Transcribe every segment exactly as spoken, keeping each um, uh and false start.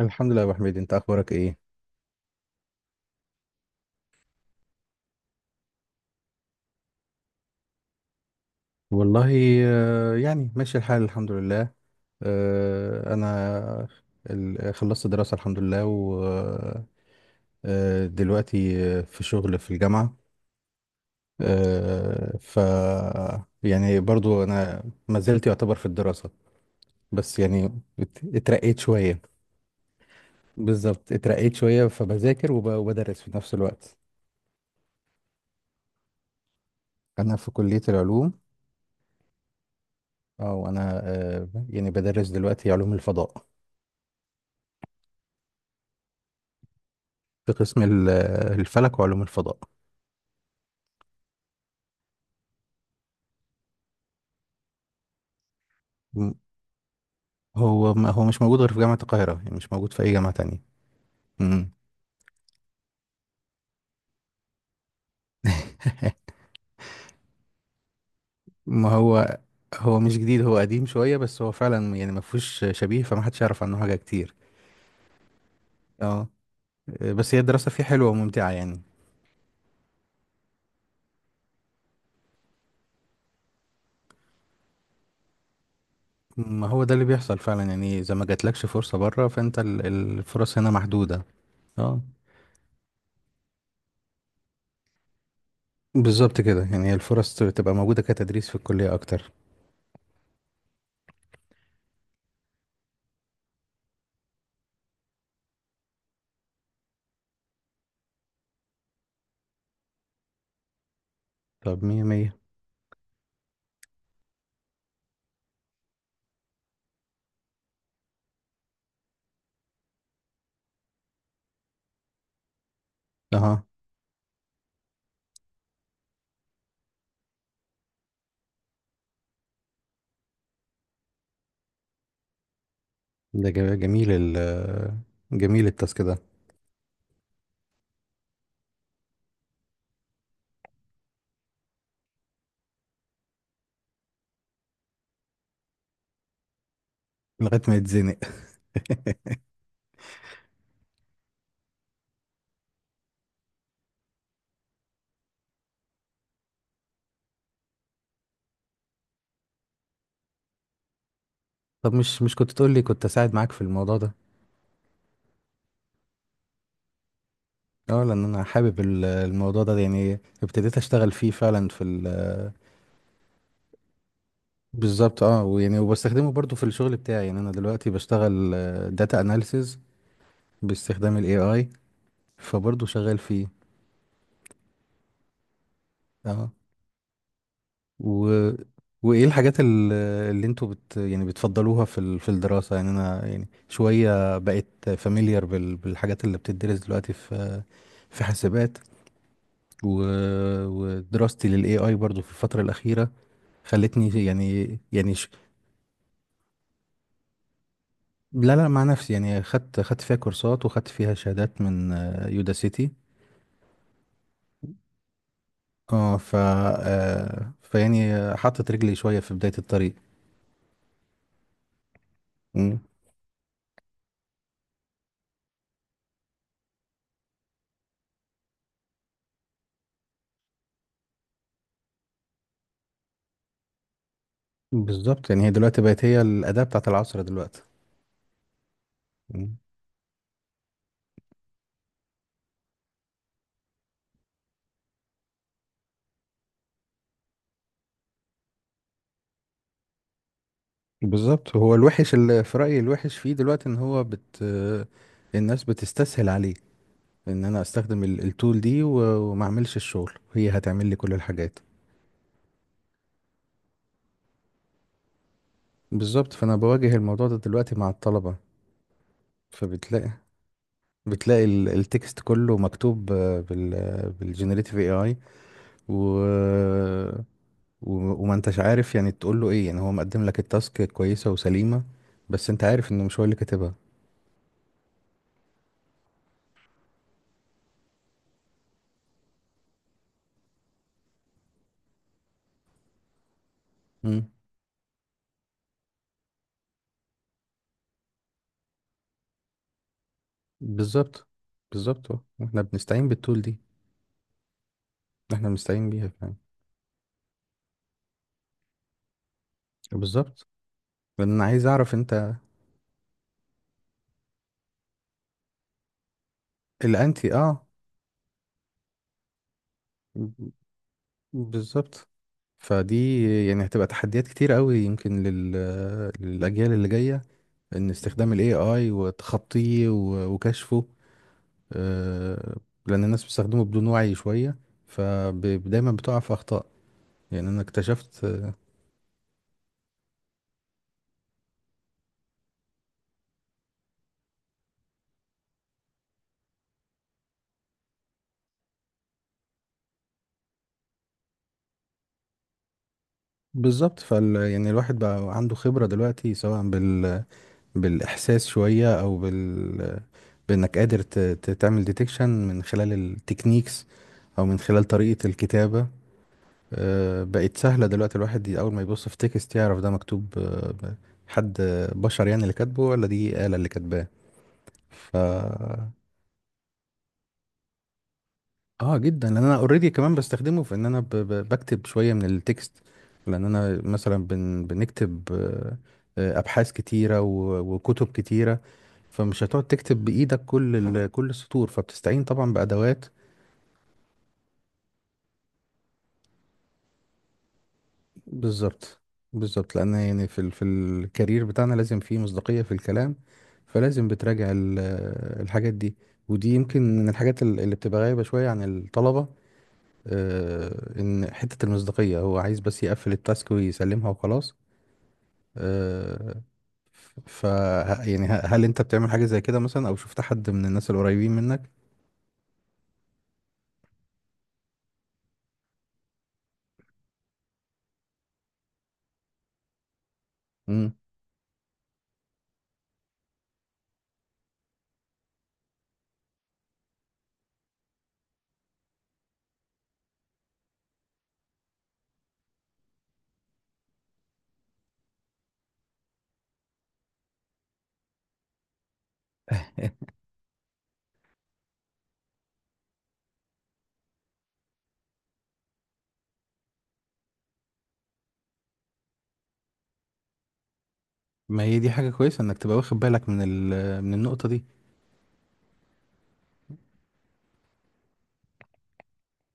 الحمد لله يا ابو حميد، انت اخبارك ايه؟ والله آه، يعني ماشي الحال الحمد لله. آه، انا ال- خلصت دراسة الحمد لله، ودلوقتي في شغل في الجامعة. آه، ف يعني برضو انا ما زلت يعتبر في الدراسة، بس يعني ات- اترقيت شوية. بالظبط اترقيت شوية، فبذاكر وب- وبدرس في نفس الوقت. انا في كلية العلوم. او انا آه، يعني بدرس دلوقتي علوم الفضاء. في قسم ال- الفلك وعلوم الفضاء. م- هو ما هو مش موجود غير في جامعة القاهرة، يعني مش موجود في أي جامعة تانية. مم. ما هو هو مش جديد، هو قديم شوية، بس هو فعلا يعني ما فيهوش شبيه، فما حدش يعرف عنه حاجة كتير. اه. بس هي الدراسة فيه حلوة وممتعة يعني. ما هو ده اللي بيحصل فعلا، يعني إذا ما جاتلكش فرصة بره فأنت ال- الفرص هنا محدودة. اه. بالظبط كده، يعني هي الفرص ت- تبقى موجودة كتدريس في الكلية أكتر. طب مية مية. أها. ده جم- جميل ال جميل التاسك ده. لغاية ما يتزنق. طب مش مش كنت تقول لي، كنت اساعد معاك في الموضوع ده. اه، لان انا حابب ال- الموضوع ده يعني، ابتديت اشتغل فيه فعلا في ال... بالظبط اه، ويعني وبستخدمه برضو في الشغل بتاعي، يعني انا دلوقتي بشتغل داتا اناليسز باستخدام الاي اي، فبرضو شغال فيه. اه. و وايه الحاجات ال- اللي انتوا بت يعني بتفضلوها في ال... في الدراسة؟ يعني انا يعني شوية بقيت فاميليار بال... بالحاجات اللي بتدرس دلوقتي في في حاسبات، و... ودراستي للاي اي برضو في الفتره الاخيره خلتني يعني يعني ش... لا لا، مع نفسي، يعني خدت خدت فيها كورسات وخدت فيها شهادات من آه، يودا سيتي. اه ف آه، فيعني حطت رجلي شويه في بدايه الطريق. مم. بالظبط، يعني هي دلوقتي بقت هي الاداه بتاعت العصر دلوقتي. مم. بالظبط، هو الوحش اللي في رايي الوحش فيه دلوقتي ان هو بت آه، الناس بتستسهل عليه، ان انا استخدم ال- التول دي و- وما اعملش الشغل هي هتعمل لي كل الحاجات. بالظبط، فانا بواجه الموضوع ده دلوقتي مع الطلبه. فبتلاقي بتلاقي ال- التكست كله مكتوب آه، بال بالجنريتيف اي اي، و... و- وما انتش عارف يعني تقول له ايه، يعني هو مقدم لك التاسك كويسه وسليمه، بس انت عارف انه مش هو اللي كاتبها. مم. بالظبط. بالظبط اه. احنا بنستعين بالتول دي، احنا بنستعين بيها فعلا. بالظبط، لان انا عايز اعرف انت الانتي اه. بالظبط فدي يعني هتبقى تحديات كتير قوي يمكن لل... للأجيال اللي جاية، إن استخدام ال A I وتخطيه و- وكشفه. آه، لأن الناس بتستخدمه بدون وعي شوية، فدايما بتقع في أخطاء، يعني أنا اكتشفت. بالظبط فال يعني الواحد بقى عنده خبرة دلوقتي سواء بال... بالإحساس شوية أو بال بإنك قادر ت... ت- تعمل ديتكشن من خلال التكنيكس أو من خلال طريقة الكتابة. آه، بقت سهلة دلوقتي، الواحد ي- أول ما يبص في تكست يعرف ده مكتوب آه، ب- حد آه، بشر يعني اللي كاتبه، ولا دي آلة اللي كاتباه. ف اه جدا، لأن أنا اوريدي كمان بستخدمه في إن أنا ب... ب... بكتب شوية من التكست. لأن أنا مثلا بن... بنكتب آه، آه، أبحاث كتيرة و... وكتب كتيرة، فمش هتقعد تكتب بإيدك كل ال... كل السطور، فبتستعين طبعا بأدوات. بالظبط. بالظبط، لان يعني في ال- في الكارير بتاعنا لازم فيه مصداقية في الكلام، فلازم بتراجع ال- الحاجات دي. ودي يمكن من الحاجات ال- اللي بتبقى غايبة شوية عن الطلبة. آه، ان حتة المصداقية هو عايز بس يقفل التاسك ويسلمها وخلاص. آه، ف ه- يعني ه- هل انت بتعمل حاجة زي كده مثلا، او شفت حد من الناس القريبين منك؟ مم. ما هي دي حاجة كويسة انك تبقى واخد بالك من ال- من النقطة دي.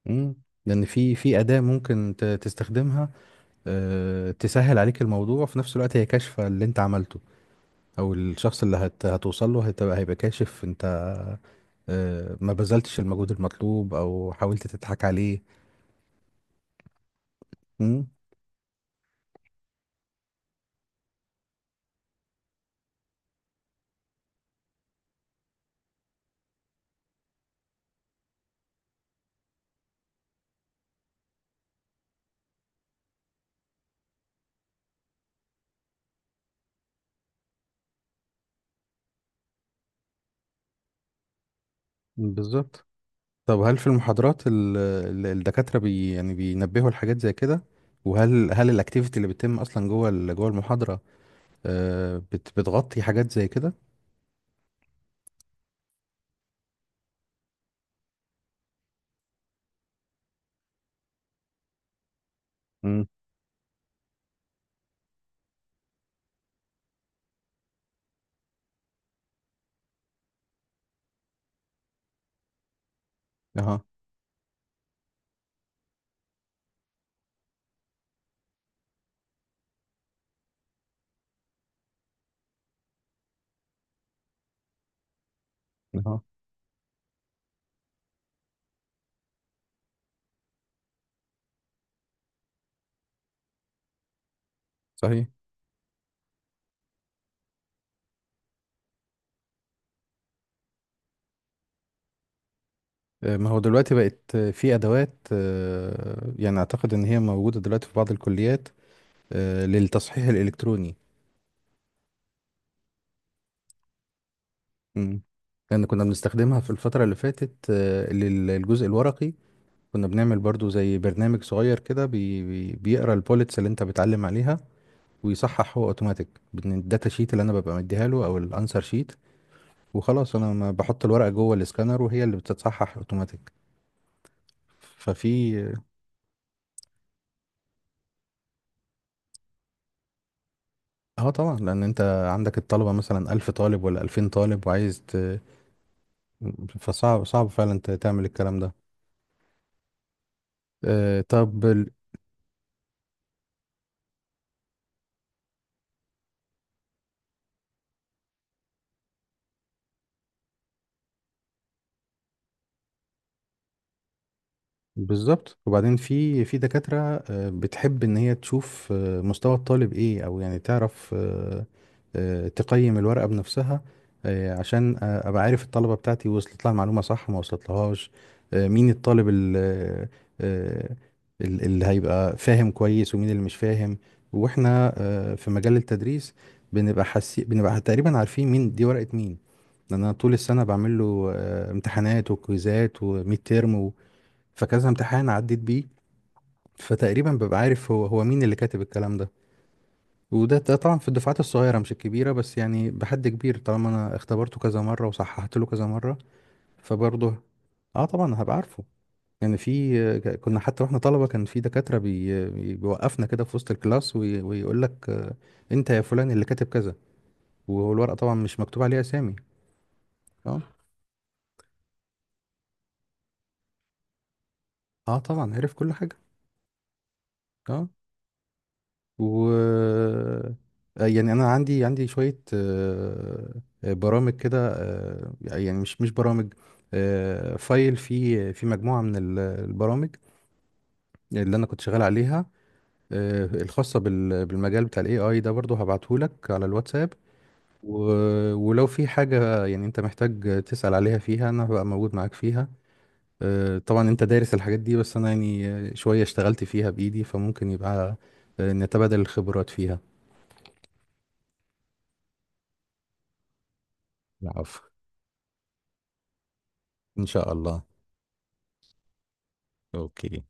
مم. لان في في أداة ممكن ت- تستخدمها، آه، تسهل عليك الموضوع، وفي نفس الوقت هي كاشفة اللي انت عملته. او الشخص اللي هت... هتوصل له هتبقى هيبقى كاشف انت آه، ما بذلتش المجهود المطلوب او حاولت تضحك عليه. مم، بالظبط. طب هل في المحاضرات ال... ال- الدكاترة بي... يعني بينبهوا الحاجات زي كده؟ وهل هل الاكتيفيتي اللي بتتم اصلا جوه ال... جوه المحاضرة آه، بت... بتغطي حاجات زي كده؟ امم. اها. اها. صحيح. آه، ما هو دلوقتي بقت في أدوات، آه، يعني أعتقد إن هي موجودة دلوقتي في بعض الكليات، آه، للتصحيح الإلكتروني. مم. لأن كنا بنستخدمها في الفترة اللي فاتت آه، لل- للجزء الورقي. كنا بنعمل برضو زي برنامج صغير كده بي بي بيقرأ البوليتس اللي أنت بتعلم عليها، ويصحح هو أوتوماتيك من الداتا شيت اللي أنا ببقى مديها له أو الأنسر شيت. وخلاص أنا ما بحط الورقة جوه الإسكانر وهي اللي بتتصحح أوتوماتيك. ففي اه طبعا، لان انت عندك الطلبه مثلا ألف طالب ولا ألفين طالب وعايز ت... فصعب صعب فعلا ت- تعمل الكلام ده. آه، طب بالظبط. وبعدين في في دكاترة آه، بتحب ان هي تشوف آه، مستوى الطالب ايه، او يعني تعرف آه، آه، تقيم الورقة بنفسها، آه، عشان آه، ابقى عارف الطلبة بتاعتي وصلت لها المعلومة صح ما وصلتلهاش، آه، مين الطالب ال- آه، آه، ال- اللي هيبقى فاهم كويس ومين اللي مش فاهم. واحنا آه، في مجال التدريس بنبقى حسي... بنبقى تقريبا عارفين مين دي ورقة مين. لأن انا طول السنة بعمل له آه، امتحانات وكويزات وميد تيرم، فكذا امتحان عديت بيه، فتقريبا ببقى عارف هو هو مين اللي كاتب الكلام ده. وده ده طبعا في الدفعات الصغيرة مش الكبيرة، بس يعني بحد كبير طالما انا اختبرته كذا مرة وصححت له كذا مرة. فبرضه اه طبعا هبقى عارفه. يعني في آه، كنا حتى واحنا طلبة كان في دكاترة بي بي- بيوقفنا كده في وسط الكلاس وي- ويقول لك آه، انت يا فلان اللي كاتب كذا، والورقة طبعا مش مكتوب عليها اسامي. اه. اه طبعا عرف كل حاجة. اه و آه، يعني انا عندي عندي شويه آه، آه، برامج كده، آه، يعني مش مش برامج، آه، فايل في في مجموعه من ال- البرامج اللي انا كنت شغال عليها، آه، الخاصه بال- بالمجال بتاع الاي اي ده، برضو هبعتهولك على الواتساب. و- ولو في حاجه يعني انت محتاج تسال عليها فيها انا هبقى موجود معاك فيها. آه، طبعا انت دارس الحاجات دي، بس انا يعني آه، شويه اشتغلت فيها بايدي، فممكن يبقى آه، نتبادل الخبرات فيها. العفو. إن شاء الله. أوكي.